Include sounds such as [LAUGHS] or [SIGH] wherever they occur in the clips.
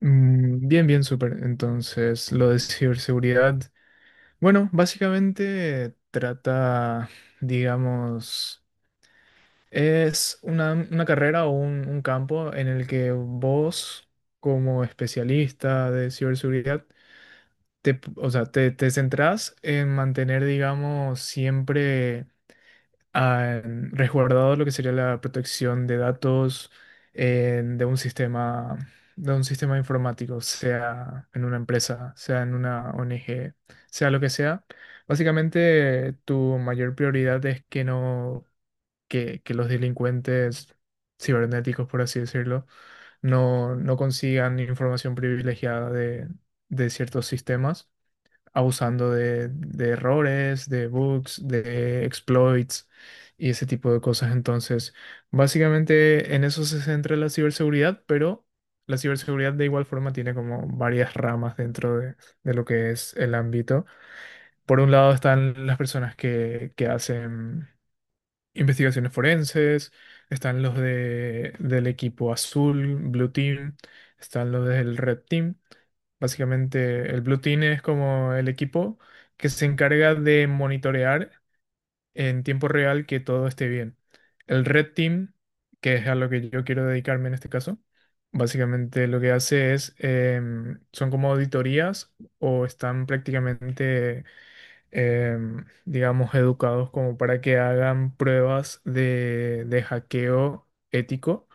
Mm, bien, bien, súper. Entonces, lo de ciberseguridad, bueno, básicamente trata, digamos, es una carrera o un campo en el que vos, como especialista de ciberseguridad, te, o sea, te centrás en mantener, digamos, siempre han resguardado lo que sería la protección de datos en- de un sistema, de un sistema informático, sea en una empresa, sea en una ONG, sea lo que sea. Básicamente, tu mayor prioridad es que no, que los delincuentes cibernéticos, por así decirlo, no consigan información privilegiada de ciertos sistemas abusando de errores, de bugs, de exploits y ese tipo de cosas. Entonces, básicamente en eso se centra la ciberseguridad, pero la ciberseguridad de igual forma tiene como varias ramas dentro de lo que es el ámbito. Por un lado están las personas que hacen investigaciones forenses, están del equipo azul, Blue Team, están los del Red Team. Básicamente, el Blue Team es como el equipo que se encarga de monitorear en tiempo real que todo esté bien. El Red Team, que es a lo que yo quiero dedicarme en este caso, básicamente lo que hace es, son como auditorías o están prácticamente digamos, educados como para que hagan pruebas de hackeo ético,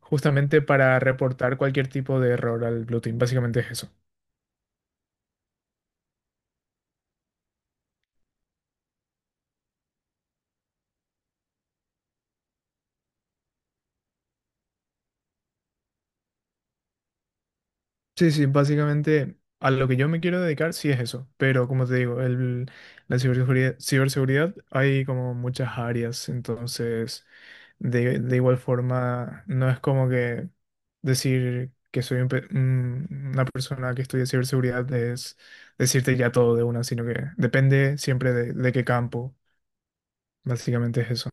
justamente para reportar cualquier tipo de error al Blue Team. Básicamente es eso. Sí, sí, básicamente a lo que yo me quiero dedicar sí es eso, pero como te digo, la ciberseguridad, ciberseguridad hay como muchas áreas, entonces de igual forma no es como que decir que soy una persona que estudia ciberseguridad es decirte ya todo de una, sino que depende siempre de qué campo, básicamente es eso.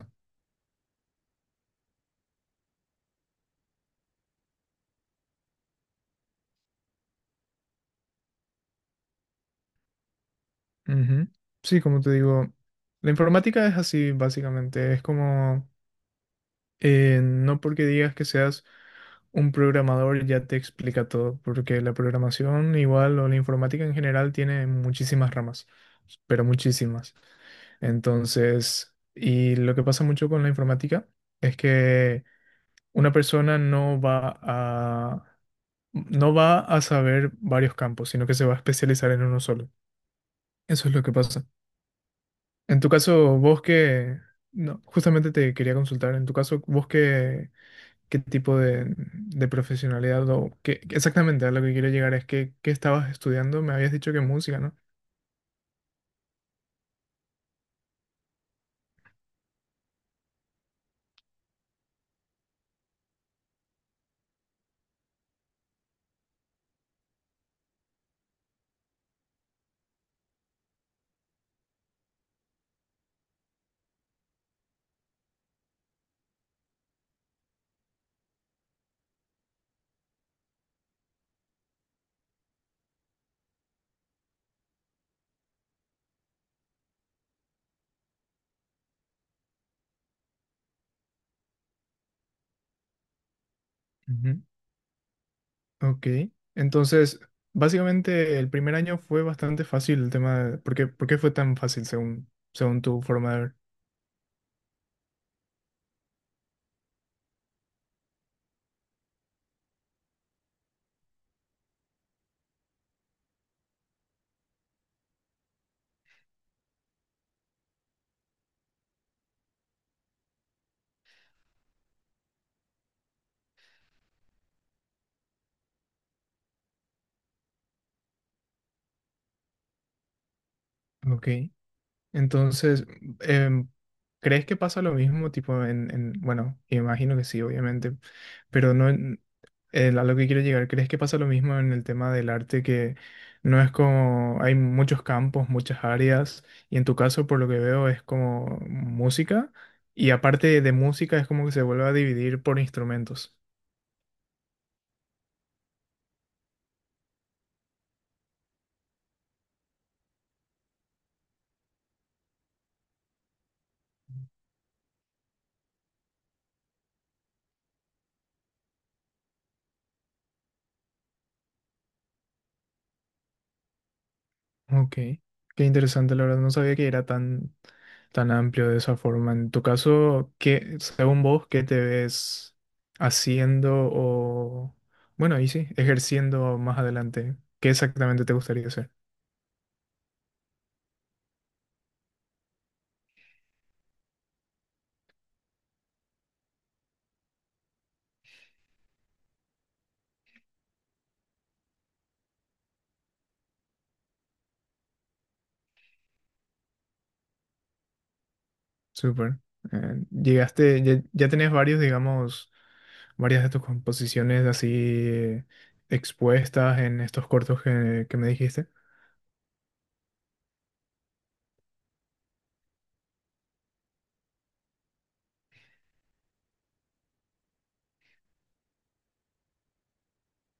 Ujú. Sí, como te digo, la informática es así, básicamente, es como... no porque digas que seas un programador ya te explica todo, porque la programación igual o la informática en general tiene muchísimas ramas, pero muchísimas. Entonces, y lo que pasa mucho con la informática es que una persona no va a saber varios campos, sino que se va a especializar en uno solo. Eso es lo que pasa. En tu caso, vos que, no, justamente te quería consultar, en tu caso, vos que qué tipo de profesionalidad o qué, exactamente a lo que quiero llegar es que, ¿qué estabas estudiando? Me habías dicho que música, ¿no? Ujú. Ok, entonces, básicamente el primer año fue bastante fácil el tema de... por qué fue tan fácil según tu forma de ver? Ok, entonces, em, ¿crees que pasa lo mismo tipo en... Bueno, imagino que sí, obviamente, pero no, a lo que quiero llegar, ¿crees que pasa lo mismo en el tema del arte que no es como hay muchos campos, muchas áreas y en tu caso por lo que veo es como música y aparte de música es como que se vuelve a dividir por instrumentos? Ok, qué interesante, la verdad, no sabía que era tan amplio de esa forma. En tu caso, ¿qué, según vos, qué te ves haciendo o, bueno, y sí, ejerciendo más adelante? ¿Qué exactamente te gustaría hacer? Súper. Llegaste, ya tenés varios, digamos, varias de tus composiciones así expuestas en estos cortos que me dijiste.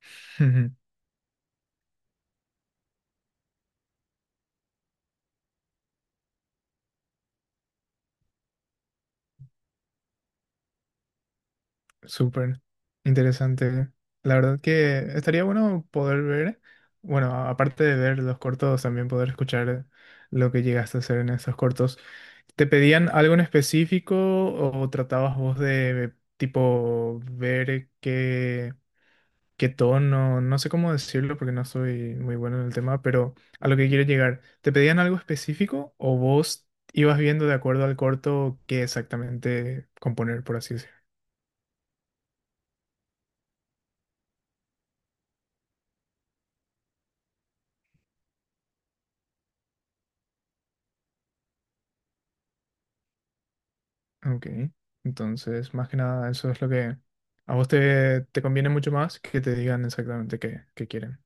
[LAUGHS] Ujú. Súper interesante. La verdad que estaría bueno poder ver, bueno, aparte de ver los cortos, también poder escuchar lo que llegaste a hacer en esos cortos. ¿Te pedían algo en específico o tratabas vos de tipo ver qué? Qué tono, no sé cómo decirlo porque no soy muy bueno en el tema, pero a lo que quiero llegar, ¿te pedían algo específico o vos ibas viendo de acuerdo al corto qué exactamente componer, por así decirlo? Ok, entonces más que nada eso es lo que a vos te conviene mucho más que te digan exactamente qué, qué quieren.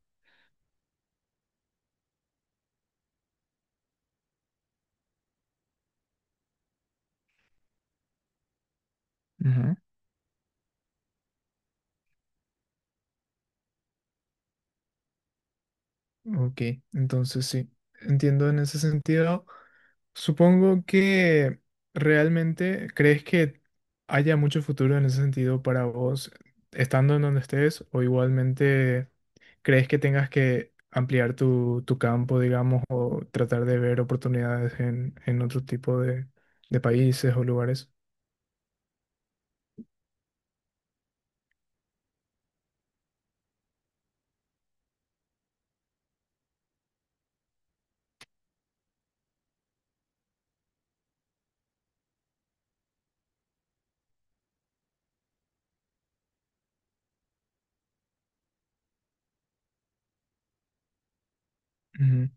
Ok, entonces sí, entiendo en ese sentido. Supongo que realmente crees que haya mucho futuro en ese sentido para vos, estando en donde estés, o igualmente crees que tengas que ampliar tu campo, digamos, o tratar de ver oportunidades en otro tipo de países o lugares. Ujú.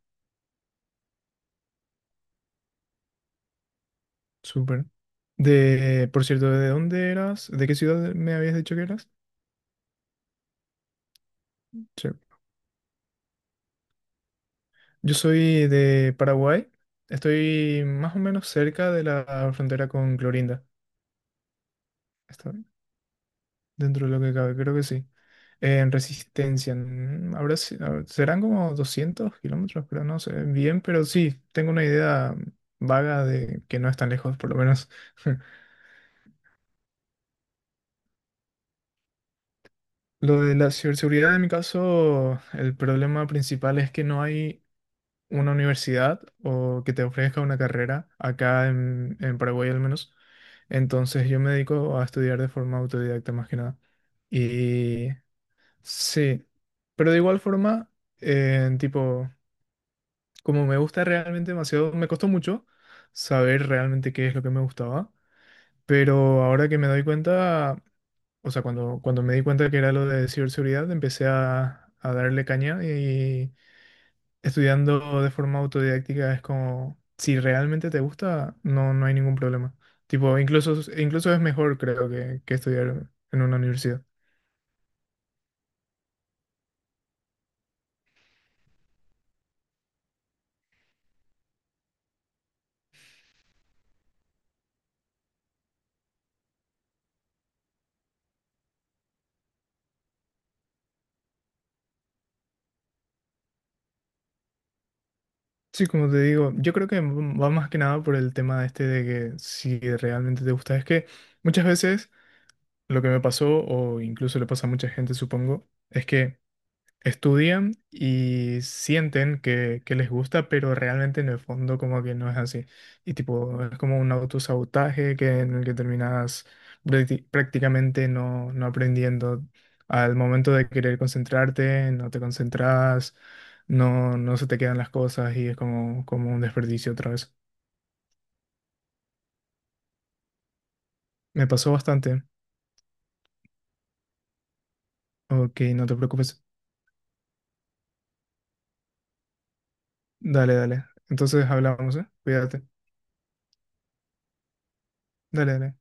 Súper. De, por cierto, ¿de dónde eras? ¿De qué ciudad me habías dicho que eras? Sí. Yo soy de Paraguay. Estoy más o menos cerca de la frontera con Clorinda. Está- Dentro de lo que cabe, creo que sí. En Resistencia, mm, habrá si- a- serán como 200 kilómetros, pero no sé bien, pero sí, tengo una idea vaga de que no es tan lejos, por lo menos. [LAUGHS] Lo de la ciberseguridad, en mi caso, el problema principal es que no hay una universidad o que te ofrezca una carrera, acá en Paraguay al menos. Entonces yo me dedico a estudiar de forma autodidacta más que nada. Sí, pero de igual forma, tipo, como me gusta realmente demasiado, me costó mucho saber realmente qué es lo que me gustaba, pero ahora que me doy cuenta, o sea, cuando me di cuenta que era lo de ciberseguridad, empecé a darle caña y estudiando de forma autodidáctica es como, si realmente te gusta, no hay ningún problema. Tipo, incluso es mejor, creo, que estudiar en una universidad. Sí, como te digo, yo creo que va más que nada por el tema este de que si realmente te gusta. Es que muchas veces lo que me pasó, o incluso le pasa a mucha gente, supongo, es que estudian y sienten que les gusta, pero realmente en el fondo como que no es así. Y tipo, es como un autosabotaje en el que terminas prácticamente no aprendiendo. Al momento de querer concentrarte, no te concentras, no se te quedan las cosas y es como, como un desperdicio otra vez. Me pasó bastante. Ok, no te preocupes. Dale, dale. Entonces hablamos, ¿eh? Cuídate. Dale, dale.